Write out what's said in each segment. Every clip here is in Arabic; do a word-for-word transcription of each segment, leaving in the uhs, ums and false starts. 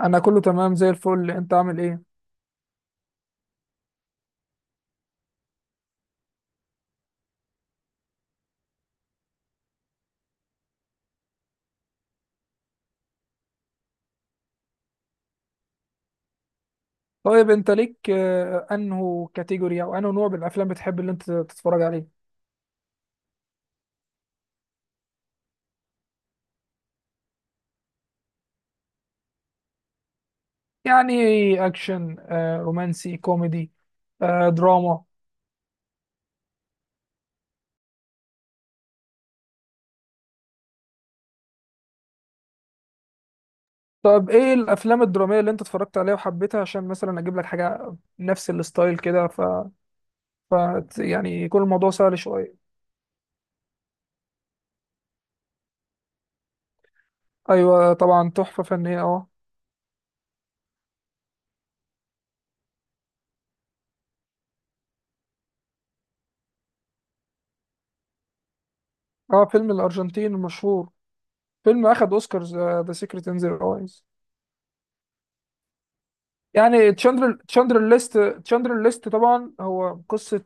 انا كله تمام زي الفل. انت عامل ايه؟ طيب، انت ليك آه، انه كاتيجوري او انه نوع من الافلام بتحب اللي انت تتفرج عليه؟ يعني اكشن، آه، رومانسي، كوميدي، آه، دراما؟ طب ايه الافلام الدراميه اللي انت اتفرجت عليها وحبيتها عشان مثلا اجيب لك حاجه نفس الستايل كده ف... ف يعني يكون الموضوع سهل شويه. ايوه طبعا، تحفه فنيه، اه. اه، فيلم الارجنتين المشهور، فيلم اخد اوسكارز، ذا سيكريت ان ذا. يعني تشاندر تشاندر ليست، تشاندر ليست طبعا، هو قصة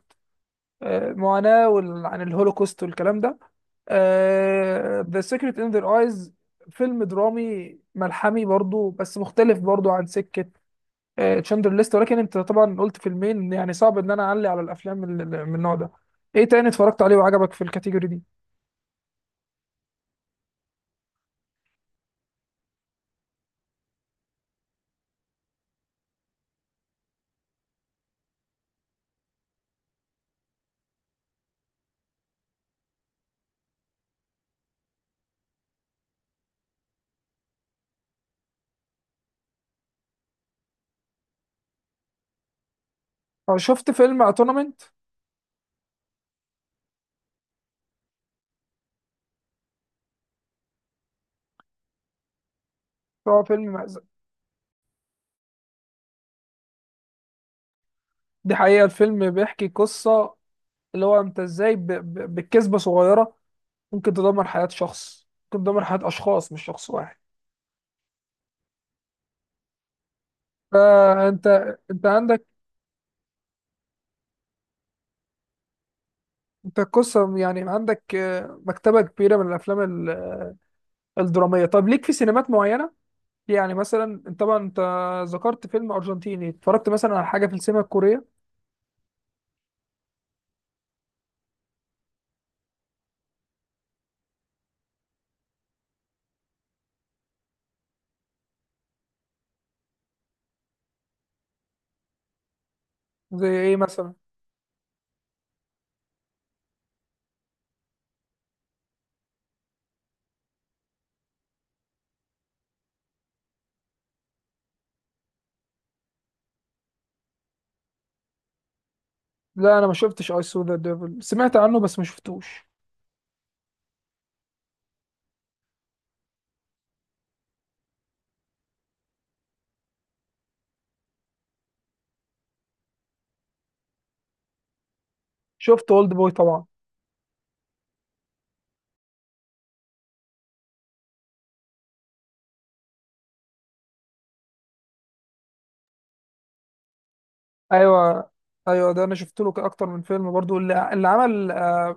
آه، معاناة وال- عن الهولوكوست والكلام ده. آه، The Secret in Their Eyes، فيلم درامي ملحمي برضو، بس مختلف برضو عن سكة تشاندر ليست. ولكن انت طبعا قلت فيلمين، يعني صعب ان انا اعلي على الافلام ال- ال- من النوع ده. ايه تاني اتفرجت عليه وعجبك في الكاتيجوري دي؟ آه، شفت فيلم اتونمنت؟ هو فيلم مأزق. دي حقيقة. الفيلم بيحكي قصة، اللي هو انت ازاي ب- ب- بكذبة صغيرة ممكن تدمر حياة شخص، ممكن تدمر حياة أشخاص مش شخص واحد. فأنت، أنت عندك، أنت قصة يعني، عندك آه، مكتبة كبيرة من الأفلام ال- الدرامية. طب ليك في سينمات معينة؟ يعني مثلا أنت طبعا، أنت ذكرت فيلم أرجنتيني، اتفرجت مثلا على حاجة في السينما الكورية؟ زي إيه مثلا؟ لا، أنا ما شفتش أي سو ذا ديفل، سمعت عنه بس ما شفتوش. شفت أولد بوي طبعا. أيوه، أيوه، ده أنا شفت له أكتر من فيلم برضو، اللي اللي عمل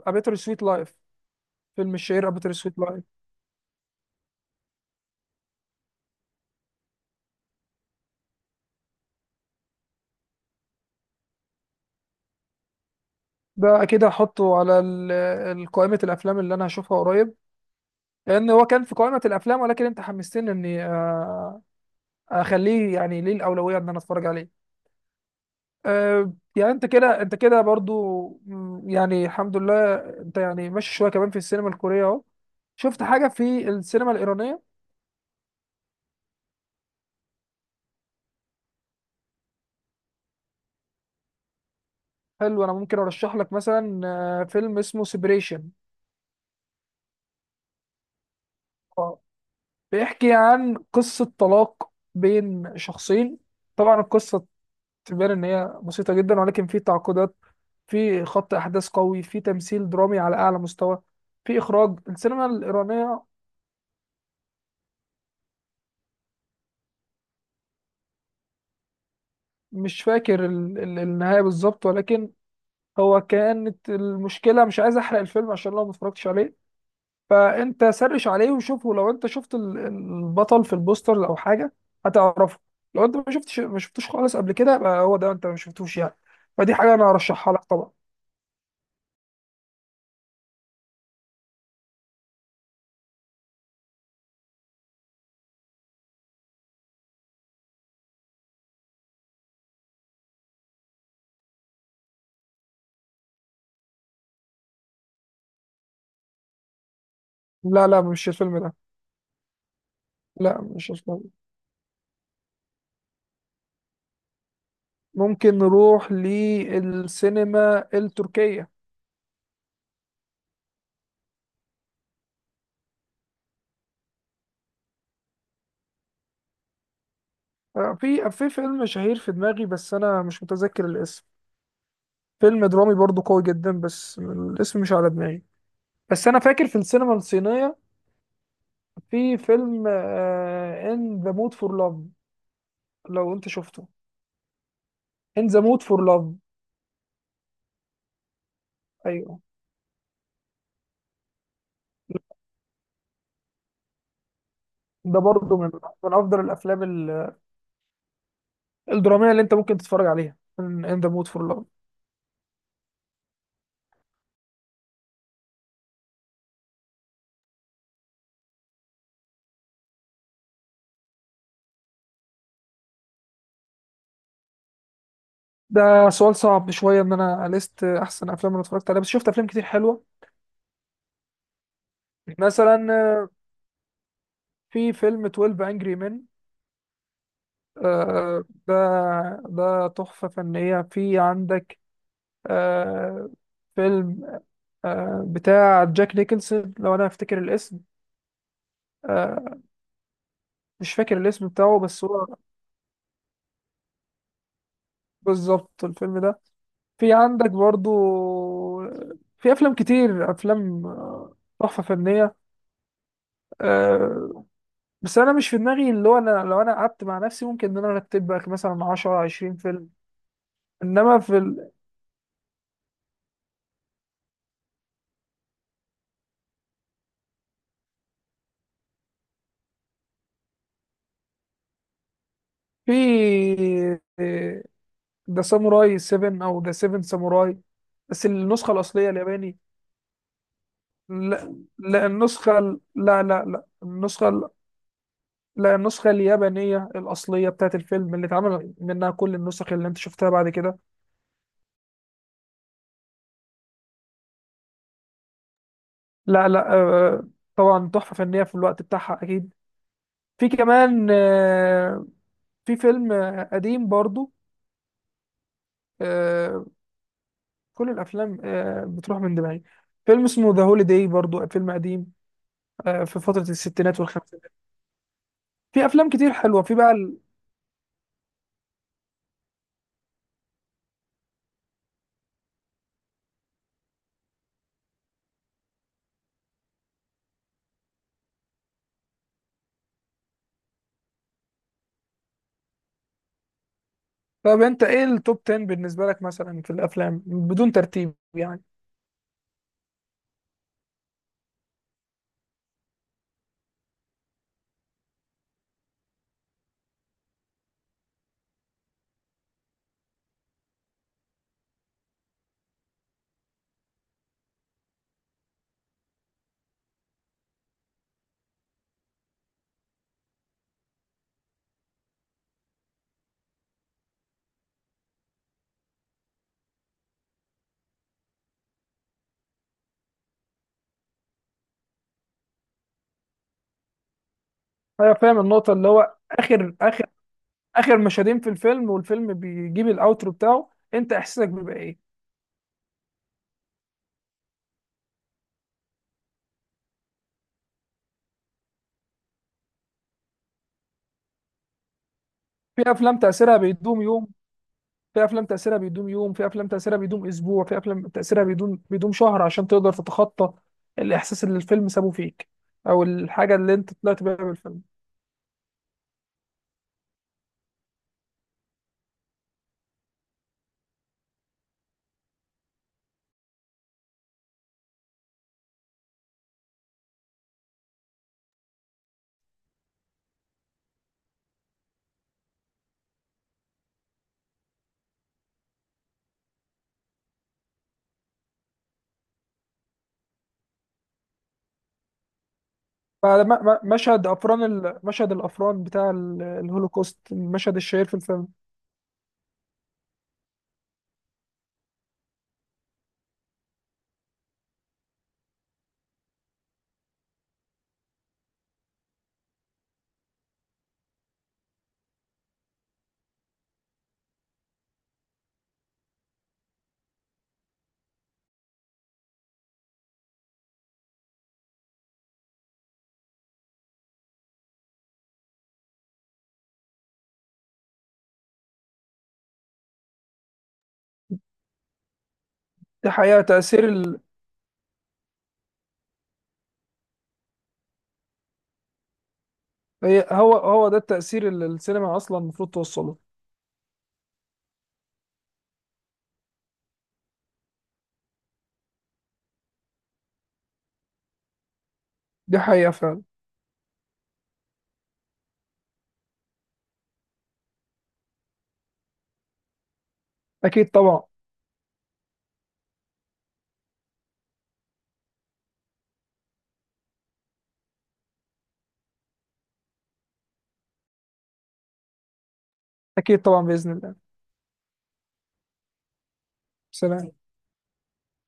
أبيتر سويت لايف، فيلم الشهير أبيتر سويت لايف. ده اكيد هحطه على ال- ال- قائمة الافلام اللي انا هشوفها قريب، لان هو كان في قائمة الافلام، ولكن انت حمستني اني آه، اخليه يعني ليه الاولوية ان انا اتفرج عليه. آه، يعني انت كده انت كده برضو. مم، يعني الحمد لله، انت يعني ماشي شوية كمان في السينما الكورية اهو. شفت حاجة في السينما الإيرانية؟ حلو، أنا ممكن أرشح لك مثلا آه، فيلم اسمه سيبريشن. بيحكي عن قصة طلاق بين شخصين. طبعا القصة تبان ان هي بسيطه جدا، ولكن في تعقيدات، في خط احداث قوي، في تمثيل درامي على اعلى مستوى، في اخراج السينما الايرانيه. مش فاكر ال- ال- النهايه بالظبط، ولكن هو كانت المشكله مش عايز احرق الفيلم، عشان لو ما اتفرجتش عليه. فانت سرش عليه وشوفه. لو انت شفت ال- البطل في البوستر او حاجه، هتعرفه. لو انت ما شفتش ما شفتوش خالص قبل كده، يبقى هو ده انت ما شفتوش يعني. فدي حاجه انا ارشحها لك طبعا. لا، لا، مش الفيلم ده. لا، مش الفيلم. ممكن نروح للسينما التركية. آه، في في فيلم شهير في دماغي، بس أنا مش متذكر الاسم. فيلم درامي برضو قوي جدا، بس الاسم مش على دماغي. بس أنا فاكر في السينما الصينية في فيلم آه، إن ذا مود فور لاف، لو أنت شفته. إن ذا مود فور لاف. أيوه، ده برضو من من أفضل الأفلام ال- الدرامية اللي أنت ممكن تتفرج عليها، إن ذا مود فور لاف. ده سؤال صعب شوية، إن أنا لست أحسن أفلام أنا اتفرجت عليها، بس شفت أفلام كتير حلوة. مثلا آه، في فيلم اتناشر انجري مان. آه ده ده تحفة فنية. في عندك آه فيلم آه بتاع جاك نيكلسون، لو انا افتكر الاسم. آه مش فاكر الاسم بتاعه بس هو. بالظبط، الفيلم ده. في عندك برضو آه، في افلام كتير، افلام آه، تحفة فنية. آه بس انا مش في دماغي، اللي هو انا لو انا قعدت مع نفسي ممكن ان انا ارتب لك مثلا عشرة عشرين فيلم. انما في ال... في آه، ده ساموراي سبعة، او ده سبعة ساموراي بس النسخه الاصليه الياباني. لا، لا، النسخه ال- لا، لا، لا، النسخه ال- لا، النسخه اليابانيه الاصليه بتاعت الفيلم اللي اتعمل منها كل النسخ اللي انت شفتها بعد كده. لا، لا، آه، طبعا تحفه فنيه في الوقت بتاعها اكيد. في كمان آه، في فيلم آه، قديم برضو. آه، كل الافلام آه، بتروح من دماغي. فيلم اسمه ذا هوليداي برضو فيلم قديم، آه، في فتره الستينات والخمسينات. في افلام كتير حلوه، في بقى. طب انت ايه التوب تن بالنسبه لك مثلا في الافلام، بدون ترتيب يعني؟ انا فاهم النقطه، اللي هو اخر اخر اخر مشهدين في الفيلم والفيلم بيجيب الاوترو بتاعه، انت احساسك بيبقى ايه؟ في افلام تاثيرها بيدوم يوم في افلام تاثيرها بيدوم يوم، في افلام تاثيرها بيدوم اسبوع، في افلام تاثيرها بيدوم بيدوم شهر، عشان تقدر تتخطى الاحساس اللي الفيلم سابه فيك، او الحاجه اللي انت طلعت بيها بالفيلم. فما- م- مشهد افران ال- مشهد الافران بتاع ال- الهولوكوست، المشهد الشهير في الفيلم. دي حقيقة تأثير. هي هو هو ده التأثير اللي السينما أصلا المفروض توصله. دي حقيقة فعلا. أكيد طبعا. أكيد طبعا، بإذن الله. سلام.